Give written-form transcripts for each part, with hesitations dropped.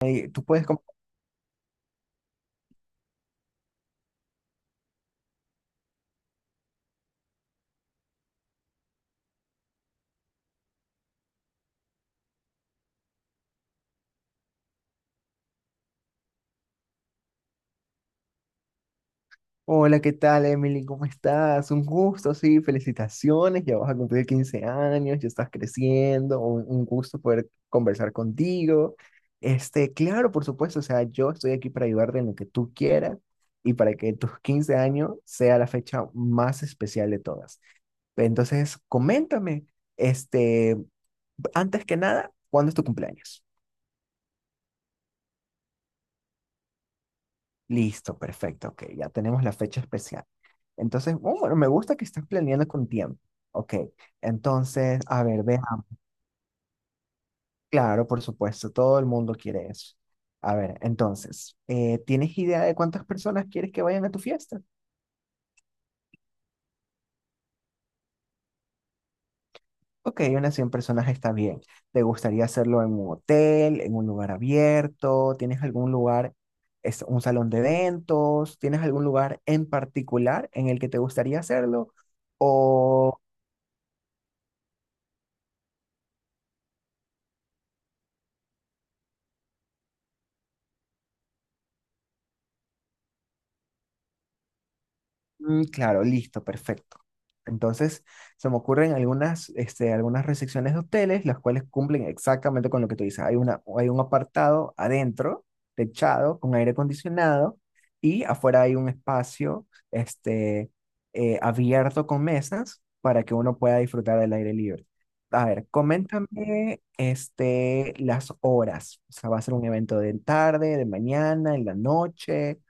Ahí, tú puedes como, hola, ¿qué tal, Emily? ¿Cómo estás? Un gusto, sí, felicitaciones, ya vas a cumplir 15 años, ya estás creciendo, un gusto poder conversar contigo. Claro, por supuesto, o sea, yo estoy aquí para ayudarte en lo que tú quieras y para que tus 15 años sea la fecha más especial de todas. Entonces, coméntame, este, antes que nada, ¿cuándo es tu cumpleaños? Listo, perfecto, ok, ya tenemos la fecha especial. Entonces, oh, bueno, me gusta que estás planeando con tiempo. Ok, entonces, a ver, veamos. Claro, por supuesto, todo el mundo quiere eso. A ver, entonces, ¿tienes idea de cuántas personas quieres que vayan a tu fiesta? Ok, unas 100 personas está bien. ¿Te gustaría hacerlo en un hotel, en un lugar abierto? ¿Tienes algún lugar, es un salón de eventos? ¿Tienes algún lugar en particular en el que te gustaría hacerlo? Mm. ¿O mm, claro, listo, perfecto. Entonces, se me ocurren algunas, algunas recepciones de hoteles, las cuales cumplen exactamente con lo que tú dices. Hay una, hay un apartado adentro, techado, con aire acondicionado, y afuera hay un espacio, abierto con mesas para que uno pueda disfrutar del aire libre. A ver, coméntame, las horas. O sea, va a ser un evento de tarde, de mañana, en la noche.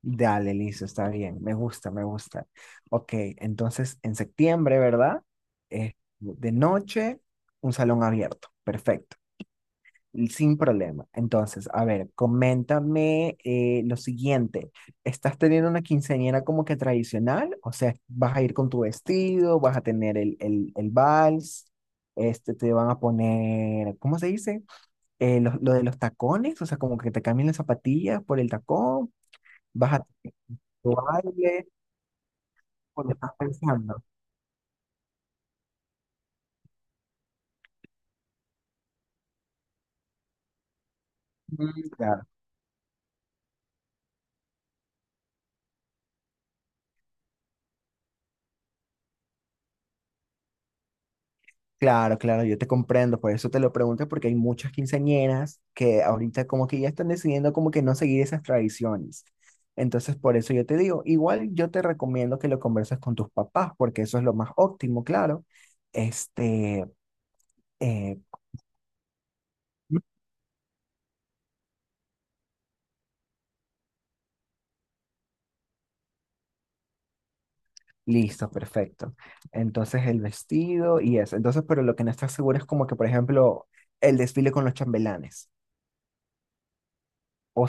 Dale, listo, está bien, me gusta, me gusta. Ok, entonces en septiembre, ¿verdad? Eh, de noche, un salón abierto, perfecto, y sin problema. Entonces, a ver, coméntame lo siguiente, ¿estás teniendo una quinceañera como que tradicional? O sea, ¿vas a ir con tu vestido, vas a tener el vals? Este, te van a poner, ¿cómo se dice? Lo de los tacones, o sea, como que te cambien las zapatillas por el tacón, vas a tu baile. Cuando estás pensando. Mm, claro, yo te comprendo, por eso te lo pregunto, porque hay muchas quinceañeras que ahorita como que ya están decidiendo como que no seguir esas tradiciones. Entonces, por eso yo te digo, igual yo te recomiendo que lo converses con tus papás, porque eso es lo más óptimo, claro. Este, eh, listo, perfecto. Entonces, el vestido y eso. Entonces, pero lo que no estás seguro es como que, por ejemplo, el desfile con los chambelanes. ¿O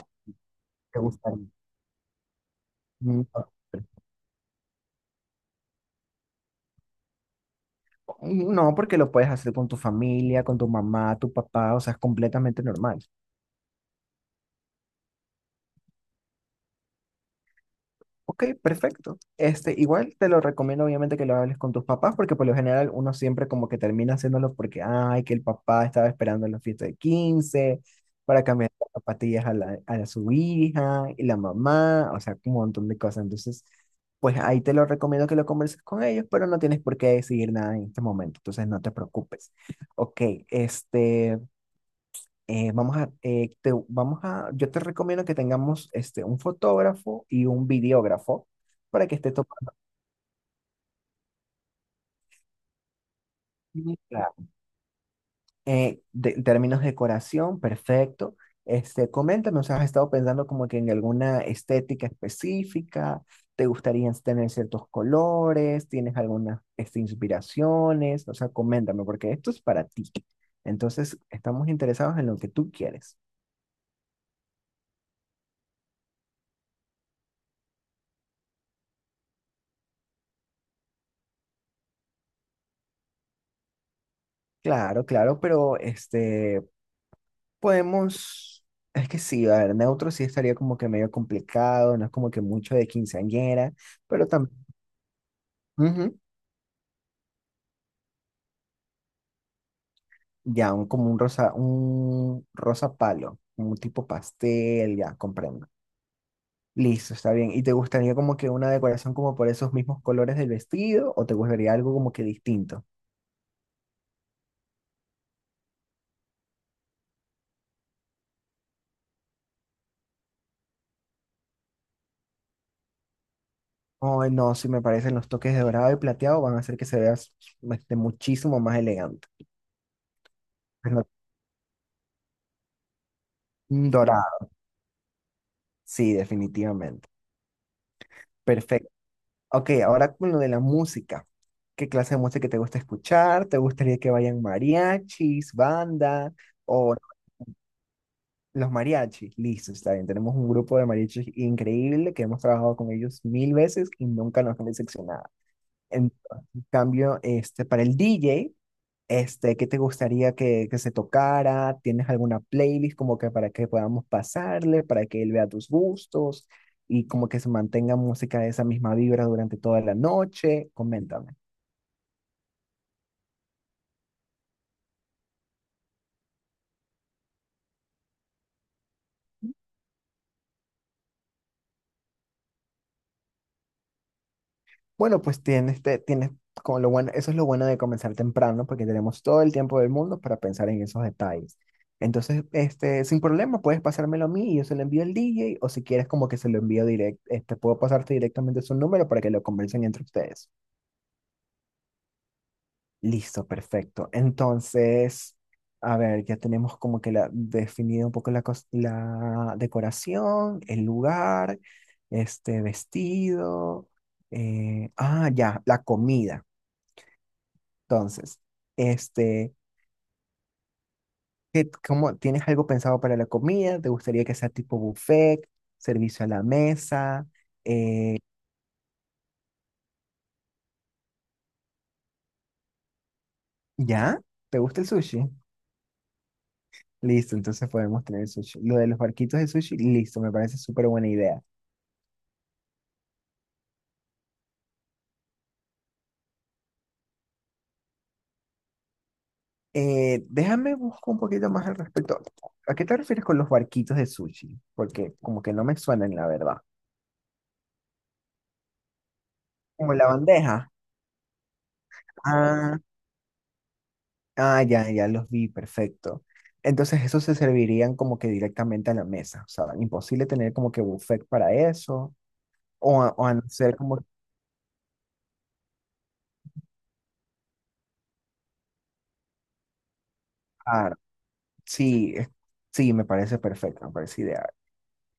te gustaría? Mm, no, porque lo puedes hacer con tu familia, con tu mamá, tu papá, o sea, es completamente normal. Ok, perfecto. Igual te lo recomiendo obviamente que lo hables con tus papás, porque por lo general uno siempre como que termina haciéndolo porque, ay, que el papá estaba esperando la fiesta de 15 para cambiar las zapatillas a, la, a su hija y la mamá, o sea, un montón de cosas. Entonces, pues ahí te lo recomiendo que lo converses con ellos, pero no tienes por qué decidir nada en este momento, entonces no te preocupes. Ok, este... vamos a, vamos a, yo te recomiendo que tengamos un fotógrafo y un videógrafo para que esté tomando. Sí, claro. En términos de decoración, perfecto. Coméntame, o sea, ¿has estado pensando como que en alguna estética específica? ¿Te gustaría tener ciertos colores? ¿Tienes algunas inspiraciones? O sea, coméntame, porque esto es para ti. Entonces, estamos interesados en lo que tú quieres. Claro, pero podemos, es que sí, a ver, neutro sí estaría como que medio complicado, no es como que mucho de quinceañera, pero también, ya, un, como un rosa palo, un tipo pastel, ya, comprendo. Listo, está bien. ¿Y te gustaría como que una decoración como por esos mismos colores del vestido o te gustaría algo como que distinto? Ay, no, si me parecen los toques de dorado y plateado van a hacer que se vea muchísimo más elegante. Pero, mm, dorado, sí, definitivamente. Perfecto. Ok, ahora con lo de la música. ¿Qué clase de música te gusta escuchar? ¿Te gustaría que vayan mariachis, banda o los mariachis? Listo, está bien. Tenemos un grupo de mariachis increíble que hemos trabajado con ellos mil veces y nunca nos han decepcionado. En cambio, para el DJ, ¿qué te gustaría que se tocara? ¿Tienes alguna playlist como que para que podamos pasarle, para que él vea tus gustos y como que se mantenga música de esa misma vibra durante toda la noche? Coméntame. Bueno, pues tienes como lo bueno, eso es lo bueno de comenzar temprano, porque tenemos todo el tiempo del mundo para pensar en esos detalles. Entonces, sin problema, puedes pasármelo a mí y yo se lo envío al D J o si quieres como que se lo envío directo, puedo pasarte directamente su número para que lo conversen entre ustedes. Listo, perfecto. Entonces, a ver, ya tenemos como que la, definido un poco la, la decoración, el lugar, vestido. Ya, la comida. Entonces, este, ¿qué- cómo, ¿tienes algo pensado para la comida? ¿Te gustaría que sea tipo buffet, servicio a la mesa? Eh, ¿Ya? ¿Te gusta el sushi? Listo, entonces podemos tener sushi. Lo de los barquitos de sushi, listo, me parece súper buena idea. Déjame buscar un poquito más al respecto. ¿A qué te refieres con los barquitos de sushi? Porque como que no me suenan, la verdad. Como la bandeja. Ah. Ah, ya, ya los vi, perfecto. Entonces, esos se servirían como que directamente a la mesa. O sea, imposible tener como que buffet para eso. O, o hacer como. Ah, sí, sí, me parece perfecto, me parece ideal.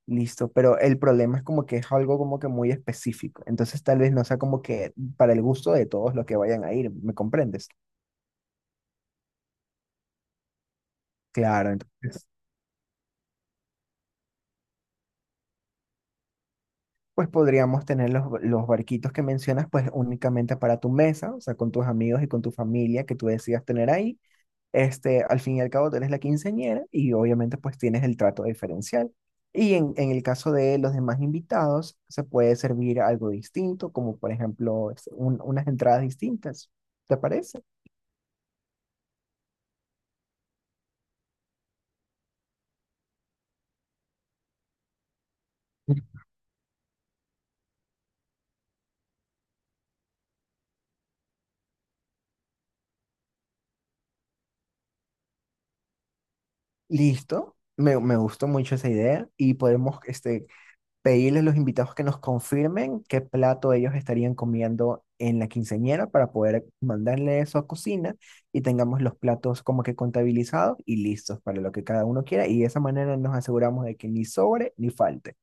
Listo, pero el problema es como que es algo como que muy específico. Entonces, tal vez no sea como que para el gusto de todos los que vayan a ir, ¿me comprendes? Claro, entonces, pues podríamos tener los barquitos que mencionas, pues únicamente para tu mesa, o sea, con tus amigos y con tu familia que tú decidas tener ahí. Este, al fin y al cabo, tú eres la quinceañera y obviamente pues tienes el trato diferencial. Y en el caso de los demás invitados, se puede servir algo distinto, como por ejemplo unas entradas distintas. ¿Te parece? Listo, me gustó mucho esa idea y podemos pedirles a los invitados que nos confirmen qué plato ellos estarían comiendo en la quinceañera para poder mandarle eso a cocina y tengamos los platos como que contabilizados y listos para lo que cada uno quiera y de esa manera nos aseguramos de que ni sobre ni falte.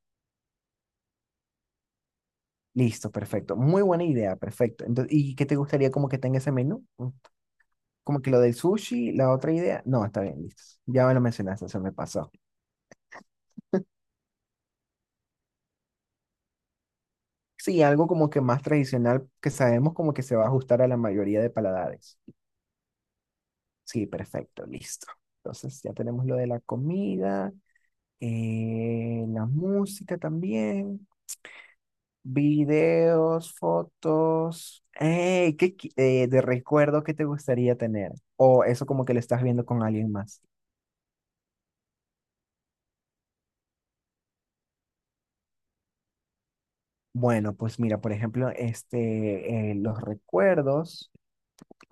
Listo, perfecto. Muy buena idea, perfecto. Entonces, ¿y qué te gustaría como que tenga ese menú? Mm, como que lo del sushi, la otra idea. No, está bien, listo. Ya me lo mencionaste, se me pasó. Sí, algo como que más tradicional que sabemos como que se va a ajustar a la mayoría de paladares. Sí, perfecto, listo. Entonces ya tenemos lo de la comida, la música también, videos, fotos. Ey, de recuerdo que te gustaría tener? O eso como que lo estás viendo con alguien más. Bueno, pues mira, por ejemplo, los recuerdos,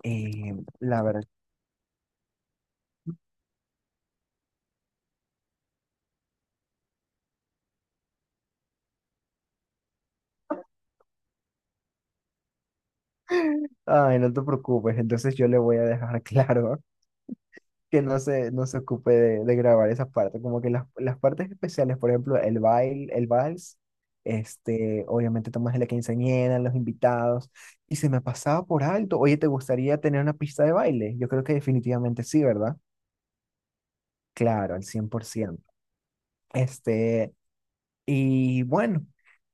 eh, la verdad, ay, no te preocupes, entonces yo le voy a dejar claro que no se ocupe de grabar esa parte. Como que las partes especiales, por ejemplo, el baile, el vals, obviamente tomas la quinceañera, los invitados, y se me pasaba por alto. Oye, ¿te gustaría tener una pista de baile? Yo creo que definitivamente sí, ¿verdad? Claro, al cien por ciento. Este, y bueno,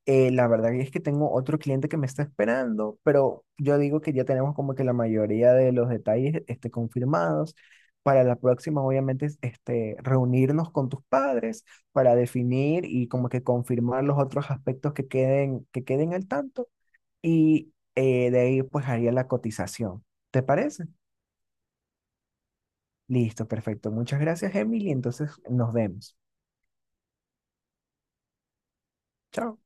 la verdad es que tengo otro cliente que me está esperando, pero yo digo que ya tenemos como que la mayoría de los detalles confirmados. Para la próxima, obviamente, es, reunirnos con tus padres para definir y como que confirmar los otros aspectos que queden al tanto. Y de ahí pues haría la cotización. ¿Te parece? Listo, perfecto. Muchas gracias, Emily. Entonces nos vemos. Chao.